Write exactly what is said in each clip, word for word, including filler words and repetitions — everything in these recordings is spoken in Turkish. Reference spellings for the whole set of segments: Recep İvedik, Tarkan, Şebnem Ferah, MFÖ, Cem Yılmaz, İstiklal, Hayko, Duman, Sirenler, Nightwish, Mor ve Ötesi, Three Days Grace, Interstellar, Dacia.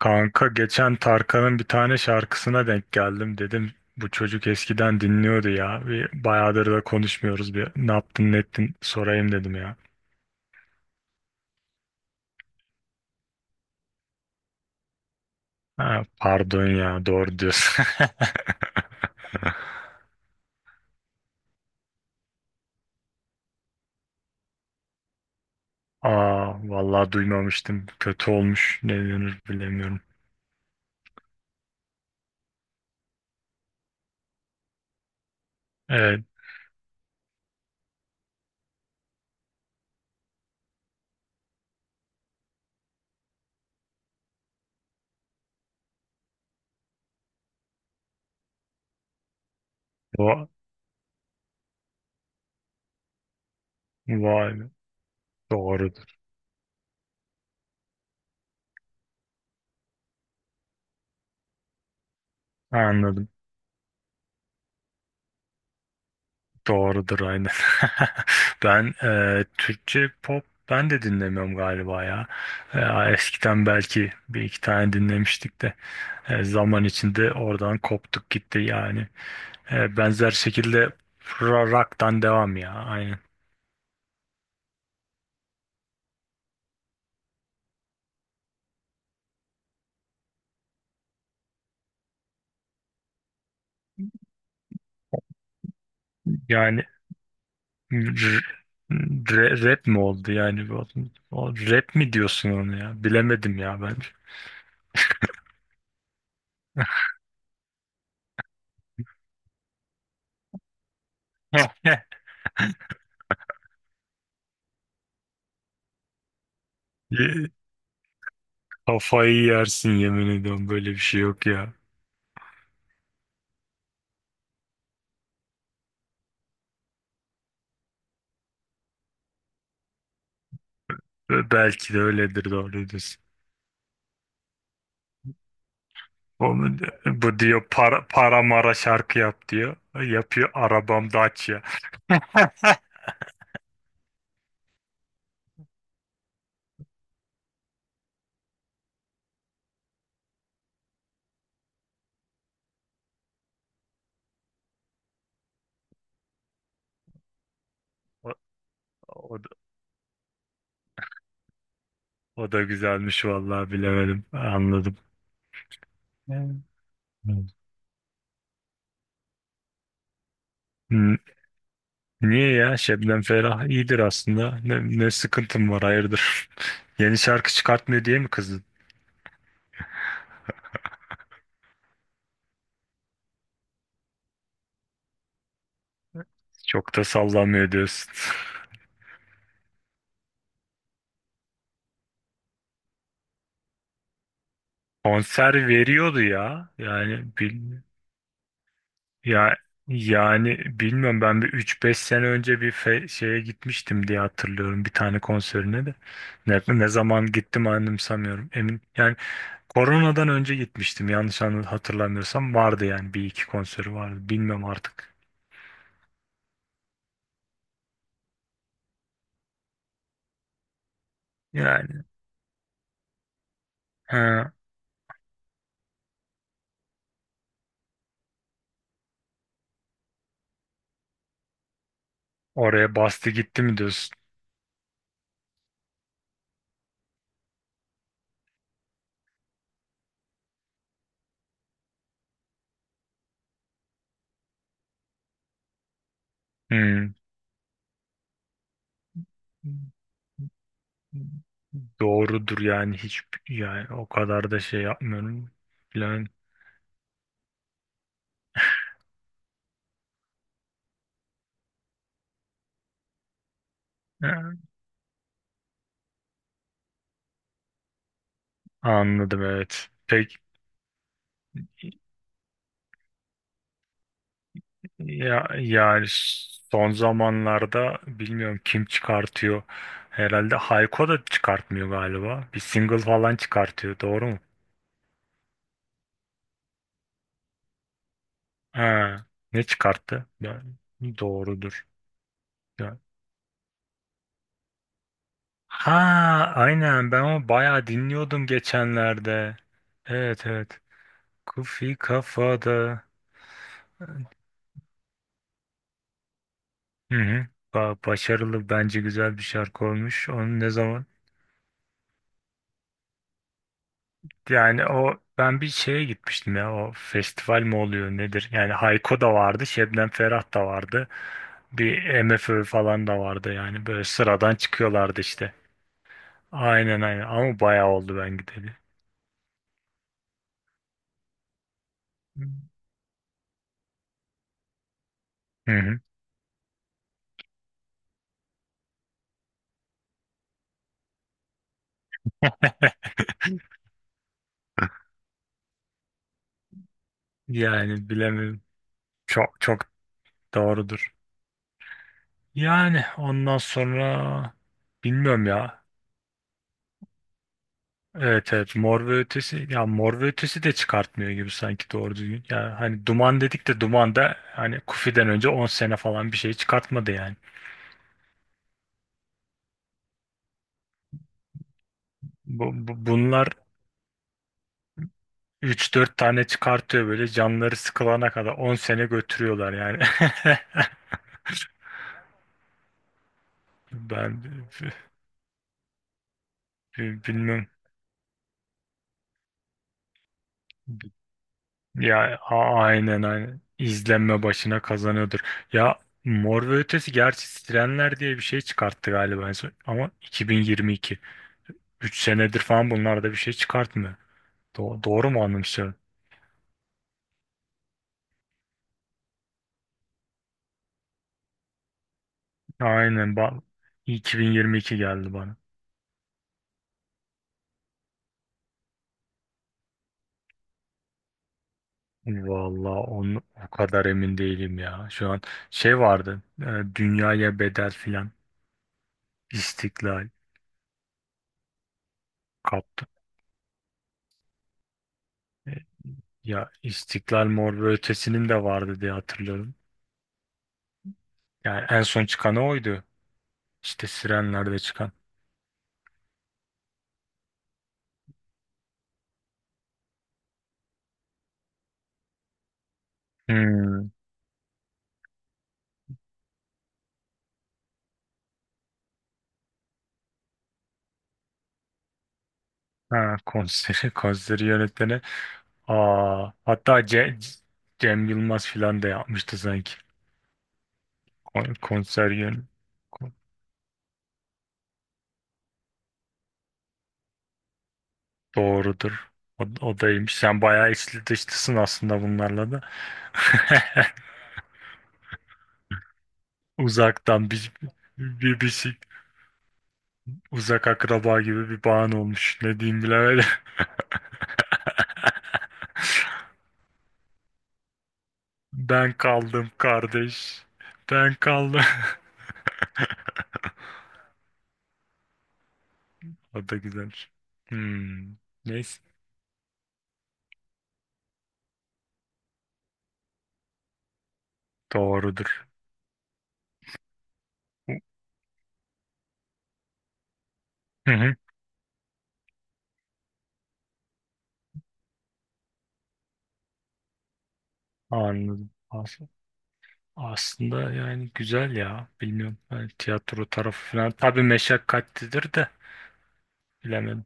Kanka geçen Tarkan'ın bir tane şarkısına denk geldim. Dedim bu çocuk eskiden dinliyordu ya. Bir bayağıdır da konuşmuyoruz. Bir ne yaptın ne ettin sorayım dedim ya. Ha, pardon ya, doğru diyorsun. Aa, vallahi duymamıştım. Kötü olmuş. Ne denir bilemiyorum. Evet. O, vay be, doğrudur. Anladım. Doğrudur, aynen. Ben e, Türkçe pop ben de dinlemiyorum galiba ya. E, Eskiden belki bir iki tane dinlemiştik de e, zaman içinde oradan koptuk gitti yani. E, benzer şekilde ra- rock'tan devam ya, aynen. Yani r- r- rap mi oldu yani? O, o rap mi diyorsun onu ya? Bilemedim ya ben. Ye- Kafayı yersin, yemin ediyorum, böyle bir şey yok ya. Ve belki de öyledir, doğru diyorsun. Onu, bu diyor para, para mara şarkı yap diyor. Yapıyor arabam Dacia. O, o, da, o da güzelmiş, vallahi bilemedim. Anladım. Evet. Hmm, niye ya? Şebnem Ferah iyidir aslında. Ne, ne sıkıntım var, hayırdır? Yeni şarkı çıkartmıyor diye mi kızdın? Çok da sallamıyor diyorsun. Konser veriyordu ya. Yani bil, Ya yani bilmiyorum, ben bir üç beş sene önce bir fe- şeye gitmiştim diye hatırlıyorum, bir tane konserine de. Ne, ne zaman gittim anımsamıyorum. Emin yani koronadan önce gitmiştim, yanlış anı- hatırlamıyorsam vardı yani bir iki konseri vardı. Bilmiyorum artık. Yani ha, oraya bastı gitti mi diyorsun? Hmm. Doğrudur yani, hiç yani o kadar da şey yapmıyorum. Bilen- Ha, Anladım, evet. Peki. Ya, yani son zamanlarda bilmiyorum kim çıkartıyor. Herhalde Hayko da çıkartmıyor galiba. Bir single falan çıkartıyor. Doğru mu? Ha, Ne çıkarttı? Ben- doğrudur. Ya- Ha, aynen, ben onu bayağı dinliyordum geçenlerde. Evet, evet. Kufi kafada. Hı hı. Ba- başarılı, bence güzel bir şarkı olmuş. Onu ne zaman? Yani o, ben bir şeye gitmiştim ya, o festival mi oluyor nedir? Yani Hayko da vardı, Şebnem Ferah da vardı. Bir MFÖ falan da vardı yani, böyle sıradan çıkıyorlardı işte. Aynen aynen, ama bayağı oldu ben gideli. Hı hı. Yani bilemiyorum. Çok çok doğrudur. Yani ondan sonra bilmiyorum ya. Evet evet, Mor ve Ötesi, ya Mor ve Ötesi de çıkartmıyor gibi sanki doğru düzgün. Ya hani Duman dedik de, Duman da hani Kufi'den önce on sene falan bir şey çıkartmadı yani. Bu, bu- bunlar üç dört tane çıkartıyor, böyle canları sıkılana kadar on sene götürüyorlar yani. Ben bi- bi- bilmem. Ya a- aynen, aynen. İzlenme başına kazanıyordur. Ya Mor ve Ötesi gerçi Sirenler diye bir şey çıkarttı galiba en son. Ama iki bin yirmi iki. Üç senedir falan bunlarda bir şey çıkartmıyor. Do- doğru mu anımsıyorum? Aynen bak, iki bin yirmi iki geldi bana. Vallahi onu o kadar emin değilim ya. Şu an şey vardı, e, dünyaya bedel filan. İstiklal kaptı. E, Ya İstiklal, Mor ve Ötesi'nin de vardı diye hatırlıyorum. Yani en son çıkanı oydu. İşte Sirenler'de çıkan. Hmm. Ha, Konseri, konseri yönetmeni. Aa, hatta Ce- Cem Yılmaz filan da yapmıştı sanki. Kon- Konsergen, kon- doğrudur. O, o daymış. Sen bayağı içli dışlısın aslında bunlarla da. Uzaktan bir, bir, bir şey- Uzak akraba gibi bir bağın olmuş. Ne diyeyim bilemedim. Ben kaldım kardeş. Ben kaldım. O da güzel. Hmm. Neyse. Doğrudur. Hı hı. Anladım. As- aslında yani güzel ya. Bilmiyorum. Ben tiyatro tarafı falan. Tabii meşakkatlidir de. Bilemedim.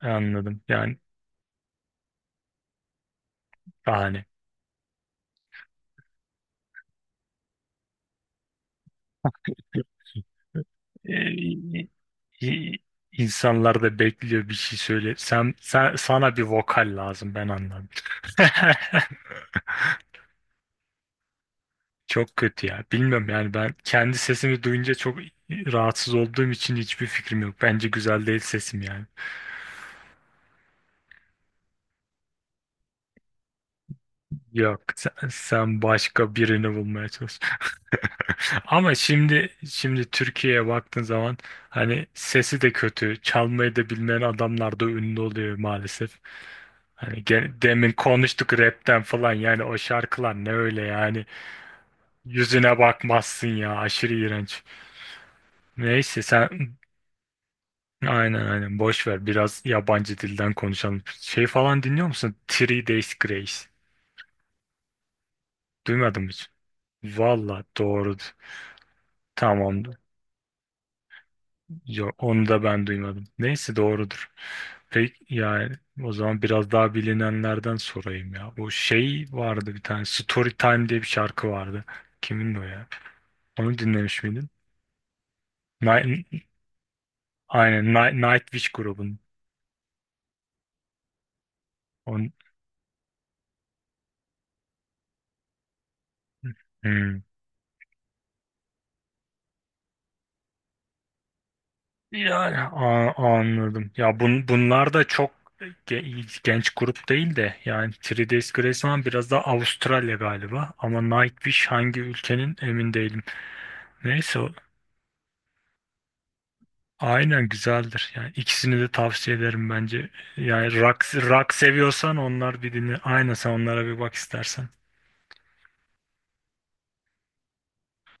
Anladım. Yani bahane. Ee, i- insanlar da bekliyor, bir şey söyle. Sen, sen sana bir vokal lazım, ben anladım. Çok kötü ya. Bilmiyorum yani, ben kendi sesimi duyunca çok rahatsız olduğum için hiçbir fikrim yok. Bence güzel değil sesim yani. Yok sen, sen başka birini bulmaya çalış. Ama şimdi şimdi Türkiye'ye baktığın zaman hani sesi de kötü, çalmayı da bilmeyen adamlar da ünlü oluyor maalesef. Hani gene- demin konuştuk rapten falan, yani o şarkılar ne öyle yani, yüzüne bakmazsın ya, aşırı iğrenç. Neyse sen, aynen aynen, boş ver. Biraz yabancı dilden konuşalım. Şey falan dinliyor musun? Three Days Grace. Duymadım hiç. Valla doğru. Tamam. Yok, onu da ben duymadım. Neyse doğrudur. Peki yani, o zaman biraz daha bilinenlerden sorayım ya. Bu şey vardı, bir tane Story Time diye bir şarkı vardı. Kimin o ya? Onu dinlemiş miydin? Night, aynen, Night, Nightwish grubunun. On, Hmm. Yani a- anladım. Ya bun, bunlar da çok ge- genç grup değil de, yani Three Days Grace falan biraz daha Avustralya galiba ama Nightwish hangi ülkenin emin değilim. Neyse, aynen güzeldir. Yani ikisini de tavsiye ederim bence. Yani rock, rock seviyorsan onlar bir dinle. Aynen, sen onlara bir bak istersen.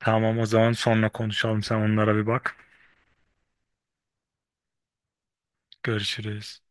Tamam, o zaman sonra konuşalım. Sen onlara bir bak. Görüşürüz.